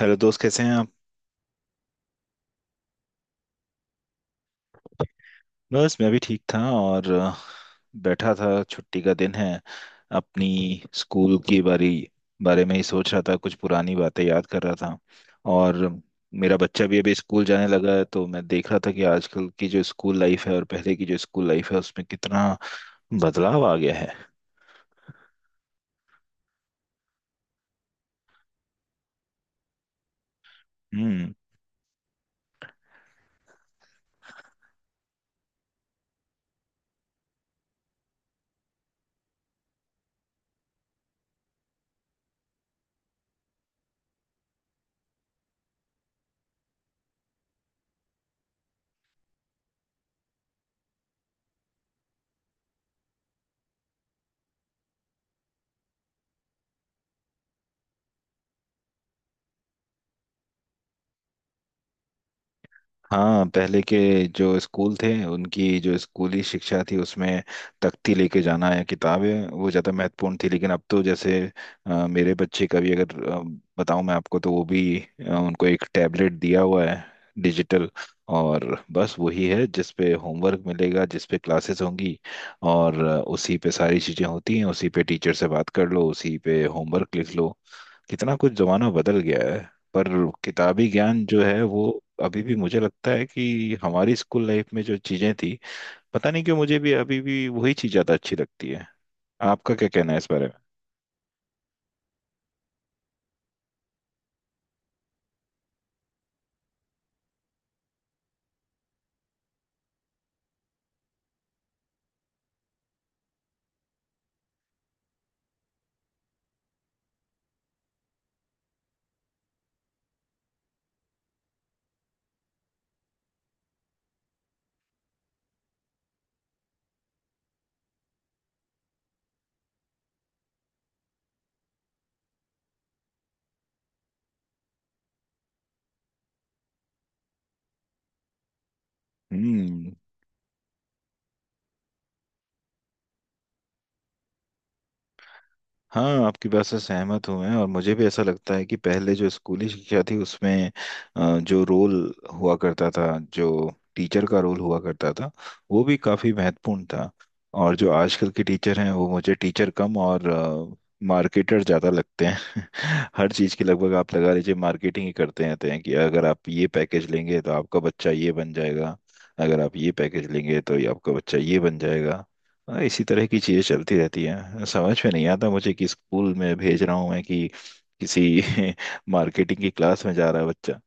Hello दोस्त, कैसे हैं आप? बस मैं भी ठीक था, और बैठा था। छुट्टी का दिन है। अपनी स्कूल की बारी बारे में ही सोच रहा था, कुछ पुरानी बातें याद कर रहा था। और मेरा बच्चा भी अभी स्कूल जाने लगा है, तो मैं देख रहा था कि आजकल की जो स्कूल लाइफ है और पहले की जो स्कूल लाइफ है उसमें कितना बदलाव आ गया है। हम्म। हाँ, पहले के जो स्कूल थे उनकी जो स्कूली शिक्षा थी उसमें तख्ती लेके जाना या किताबें वो ज़्यादा महत्वपूर्ण थी, लेकिन अब तो जैसे मेरे बच्चे का भी अगर बताऊं मैं आपको, तो वो भी उनको एक टैबलेट दिया हुआ है डिजिटल। और बस वही है जिस पे होमवर्क मिलेगा, जिस पे क्लासेस होंगी। और उसी पे सारी चीज़ें होती हैं, उसी पे टीचर से बात कर लो, उसी पे होमवर्क लिख लो। कितना कुछ ज़माना बदल गया है। पर किताबी ज्ञान जो है वो अभी भी मुझे लगता है कि हमारी स्कूल लाइफ में जो चीजें थी, पता नहीं क्यों मुझे भी अभी भी वही चीज ज्यादा अच्छी लगती है। आपका क्या कहना है इस बारे में? हम्म। हाँ, आपकी बात से सहमत हूँ मैं, और मुझे भी ऐसा लगता है कि पहले जो स्कूली शिक्षा थी उसमें जो रोल हुआ करता था, जो टीचर का रोल हुआ करता था, वो भी काफ़ी महत्वपूर्ण था। और जो आजकल के टीचर हैं वो मुझे टीचर कम और मार्केटर ज़्यादा लगते हैं। हर चीज़ के लगभग आप लगा लीजिए मार्केटिंग ही करते रहते हैं कि अगर आप ये पैकेज लेंगे तो आपका बच्चा ये बन जाएगा, अगर आप ये पैकेज लेंगे तो ये आपका बच्चा ये बन जाएगा। हाँ, इसी तरह की चीजें चलती रहती हैं। समझ में नहीं आता मुझे कि स्कूल में भेज रहा हूँ मैं कि किसी मार्केटिंग की क्लास में जा रहा है बच्चा।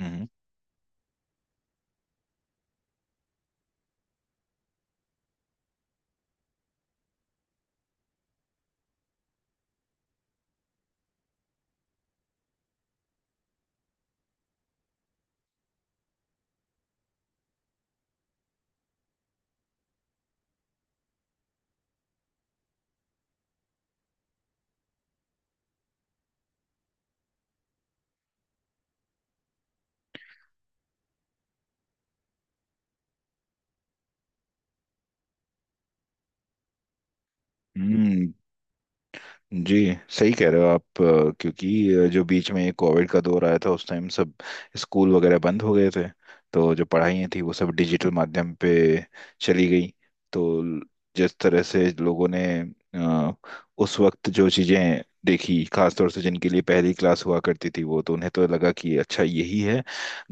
हम्म हम्म। जी, सही कह रहे हो आप। क्योंकि जो बीच में कोविड का दौर आया था उस टाइम सब स्कूल वगैरह बंद हो गए थे, तो जो पढ़ाइयाँ थी वो सब डिजिटल माध्यम पे चली गई। तो जिस तरह से लोगों ने अ, उस वक्त जो चीज़ें देखी, खासतौर से जिनके लिए पहली क्लास हुआ करती थी वो, तो उन्हें तो लगा कि अच्छा यही है।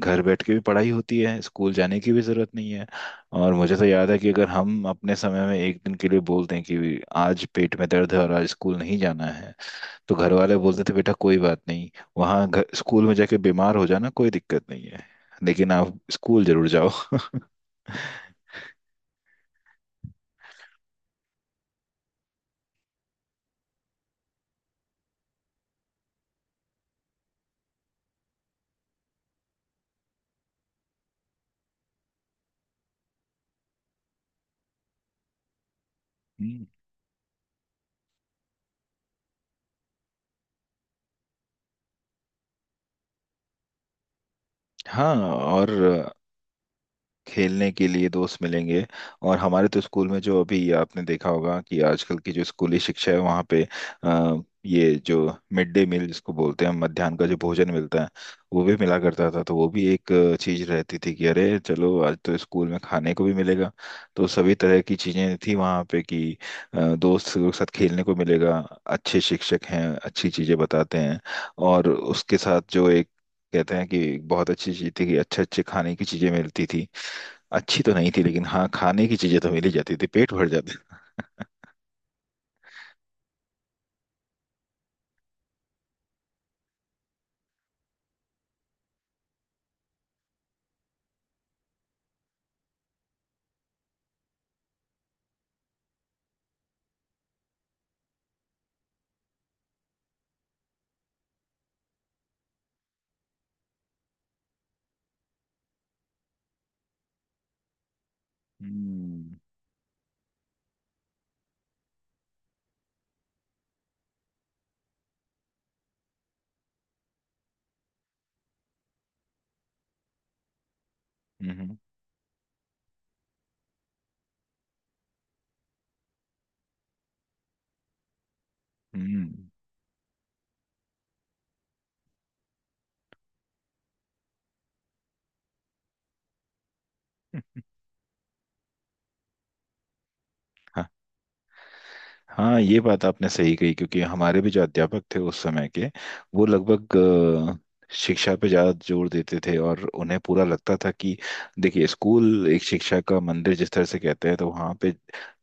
घर बैठ के भी पढ़ाई होती है, स्कूल जाने की भी जरूरत नहीं है। और मुझे तो याद है कि अगर हम अपने समय में एक दिन के लिए बोलते हैं कि आज पेट में दर्द है और आज स्कूल नहीं जाना है, तो घर वाले बोलते थे बेटा कोई बात नहीं, वहाँ घर स्कूल में जाके बीमार हो जाना कोई दिक्कत नहीं है, लेकिन आप स्कूल जरूर जाओ। हम्म। हाँ, और खेलने के लिए दोस्त मिलेंगे। और हमारे तो स्कूल में जो अभी आपने देखा होगा कि आजकल की जो स्कूली शिक्षा है वहाँ पे, ये जो मिड डे मील जिसको बोलते हैं, मध्याह्न का जो भोजन मिलता है, वो भी मिला करता था। तो वो भी एक चीज़ रहती थी कि अरे चलो आज तो स्कूल में खाने को भी मिलेगा। तो सभी तरह की चीज़ें थी वहाँ पे कि दोस्त के साथ खेलने को मिलेगा, अच्छे शिक्षक हैं अच्छी चीज़ें बताते हैं। और उसके साथ जो एक कहते हैं कि बहुत अच्छी चीज़ थी कि अच्छे अच्छे खाने की चीज़ें मिलती थी। अच्छी तो नहीं थी लेकिन हाँ, खाने की चीजें तो मिल ही जाती थी, पेट भर जाता था। हम्म हम्म। हम्म। हाँ, ये बात आपने सही कही। क्योंकि हमारे भी जो अध्यापक थे उस समय के, वो लगभग अ, शिक्षा पे ज़्यादा जोर देते थे, और उन्हें पूरा लगता था कि देखिए स्कूल एक शिक्षा का मंदिर जिस तरह से कहते हैं, तो वहाँ पे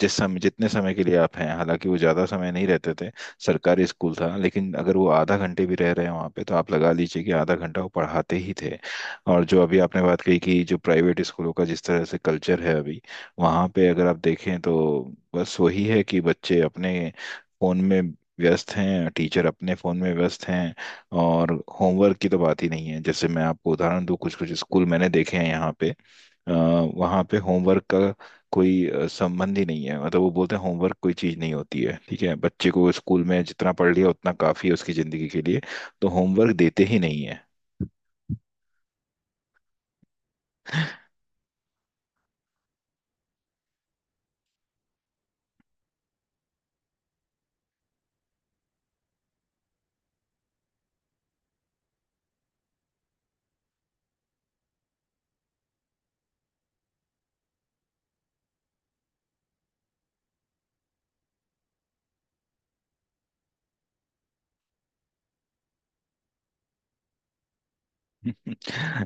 जिस समय जितने समय के लिए आप हैं, हालांकि वो ज़्यादा समय नहीं रहते थे, सरकारी स्कूल था, लेकिन अगर वो आधा घंटे भी रह रहे हैं वहाँ पे तो आप लगा लीजिए कि आधा घंटा वो पढ़ाते ही थे। और जो अभी आपने बात कही कि जो प्राइवेट स्कूलों का जिस तरह से कल्चर है अभी, वहाँ पे अगर आप देखें तो बस वही है कि बच्चे अपने फोन में व्यस्त हैं, टीचर अपने फोन में व्यस्त हैं। और होमवर्क की तो बात ही नहीं है। जैसे मैं आपको उदाहरण दूँ, कुछ कुछ स्कूल मैंने देखे हैं यहाँ पे, वहाँ पे होमवर्क का कोई संबंध ही नहीं है। मतलब वो बोलते हैं होमवर्क कोई चीज़ नहीं होती है, ठीक है बच्चे को स्कूल में जितना पढ़ लिया उतना काफ़ी है उसकी ज़िंदगी के लिए, तो होमवर्क देते ही नहीं है।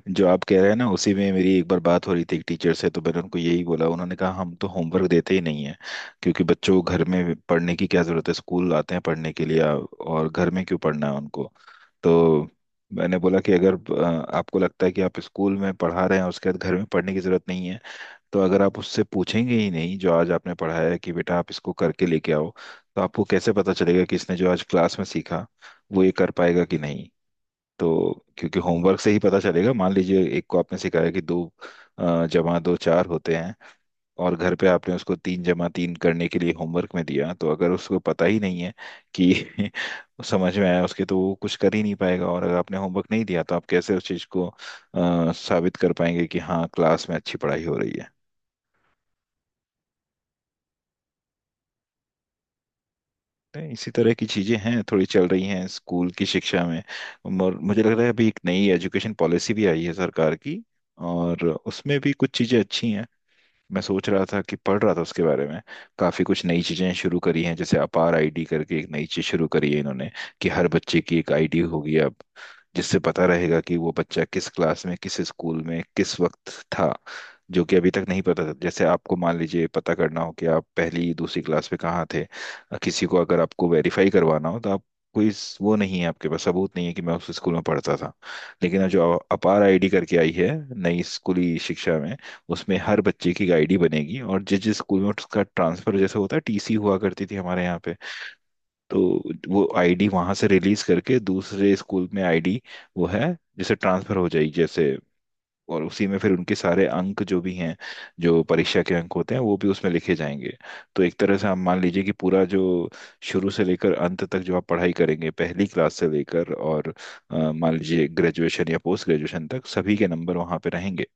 जो आप कह रहे हैं ना, उसी में मेरी एक बार बात हो रही थी एक टीचर से, तो मैंने उनको यही बोला। उन्होंने कहा हम तो होमवर्क देते ही नहीं है, क्योंकि बच्चों को घर में पढ़ने की क्या जरूरत है, स्कूल आते हैं पढ़ने के लिए, और घर में क्यों पढ़ना है उनको। तो मैंने बोला कि अगर आपको लगता है कि आप स्कूल में पढ़ा रहे हैं उसके बाद घर में पढ़ने की जरूरत नहीं है, तो अगर आप उससे पूछेंगे ही नहीं जो आज आपने पढ़ाया है कि बेटा आप इसको करके लेके आओ, तो आपको कैसे पता चलेगा कि इसने जो आज क्लास में सीखा वो ये कर पाएगा कि नहीं। तो क्योंकि होमवर्क से ही पता चलेगा। मान लीजिए एक को आपने सिखाया कि दो जमा दो चार होते हैं, और घर पे आपने उसको तीन जमा तीन करने के लिए होमवर्क में दिया, तो अगर उसको पता ही नहीं है कि समझ में आया उसके, तो वो कुछ कर ही नहीं पाएगा। और अगर आपने होमवर्क नहीं दिया तो आप कैसे उस चीज़ को साबित कर पाएंगे कि हाँ क्लास में अच्छी पढ़ाई हो रही है। तो इसी तरह की चीज़ें हैं, थोड़ी चल रही हैं स्कूल की शिक्षा में। और मुझे लग रहा है अभी एक नई एजुकेशन पॉलिसी भी आई है सरकार की, और उसमें भी कुछ चीज़ें अच्छी हैं। मैं सोच रहा था कि पढ़ रहा था उसके बारे में। काफी कुछ नई चीजें शुरू करी हैं, जैसे अपार आईडी करके एक नई चीज शुरू करी है इन्होंने, कि हर बच्चे की एक आईडी होगी अब, जिससे पता रहेगा कि वो बच्चा किस क्लास में किस स्कूल में किस वक्त था। जो कि अभी तक नहीं पता था। जैसे आपको मान लीजिए पता करना हो कि आप पहली दूसरी क्लास में कहाँ थे, किसी को अगर आपको वेरीफाई करवाना हो तो आप, कोई वो नहीं है आपके पास, सबूत नहीं है कि मैं उस स्कूल में पढ़ता था। लेकिन अब जो अपार आईडी करके आई है नई स्कूली शिक्षा में, उसमें हर बच्चे की आईडी बनेगी, और जिस जिस स्कूल में उसका ट्रांसफर, जैसे होता है टीसी हुआ करती थी हमारे यहाँ पे, तो वो आईडी वहां से रिलीज करके दूसरे स्कूल में आईडी वो है जैसे ट्रांसफर हो जाएगी जैसे। और उसी में फिर उनके सारे अंक जो भी हैं, जो परीक्षा के अंक होते हैं, वो भी उसमें लिखे जाएंगे। तो एक तरह से आप मान लीजिए कि पूरा जो शुरू से लेकर अंत तक जो आप पढ़ाई करेंगे पहली क्लास से लेकर और मान लीजिए ग्रेजुएशन या पोस्ट ग्रेजुएशन तक, सभी के नंबर वहां पे रहेंगे।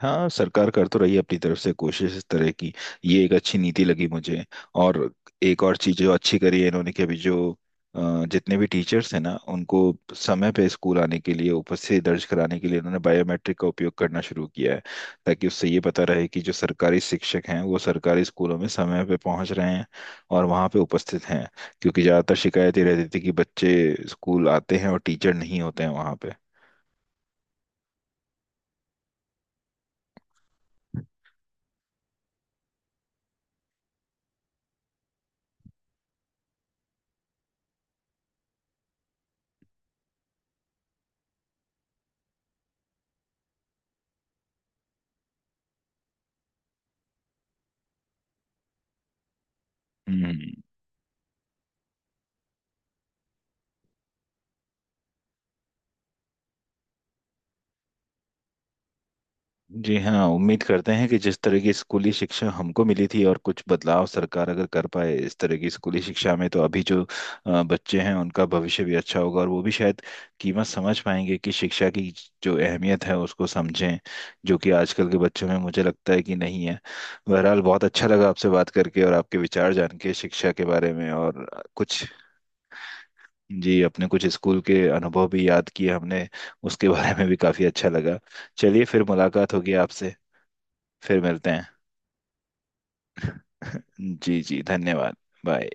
हाँ, सरकार कर तो रही है अपनी तरफ से कोशिश इस तरह की। ये एक अच्छी नीति लगी मुझे। और एक और चीज जो अच्छी करी है इन्होंने कि अभी जो जितने भी टीचर्स हैं ना उनको समय पे स्कूल आने के लिए उपस्थिति दर्ज कराने के लिए इन्होंने बायोमेट्रिक का उपयोग करना शुरू किया है, ताकि उससे ये पता रहे कि जो सरकारी शिक्षक हैं वो सरकारी स्कूलों में समय पे पहुंच रहे हैं और वहाँ पे उपस्थित हैं। क्योंकि ज़्यादातर शिकायत ये रहती थी कि बच्चे स्कूल आते हैं और टीचर नहीं होते हैं वहाँ पे। हम्म। जी हाँ, उम्मीद करते हैं कि जिस तरह की स्कूली शिक्षा हमको मिली थी, और कुछ बदलाव सरकार अगर कर पाए इस तरह की स्कूली शिक्षा में, तो अभी जो बच्चे हैं उनका भविष्य भी अच्छा होगा, और वो भी शायद कीमत समझ पाएंगे कि शिक्षा की जो अहमियत है उसको समझें, जो कि आजकल के बच्चों में मुझे लगता है कि नहीं है। बहरहाल बहुत अच्छा लगा आपसे बात करके, और आपके विचार जान के शिक्षा के बारे में और कुछ। जी, अपने कुछ स्कूल के अनुभव भी याद किए हमने, उसके बारे में भी काफ़ी अच्छा लगा। चलिए फिर मुलाकात होगी आपसे। फिर मिलते हैं। जी जी, धन्यवाद। बाय।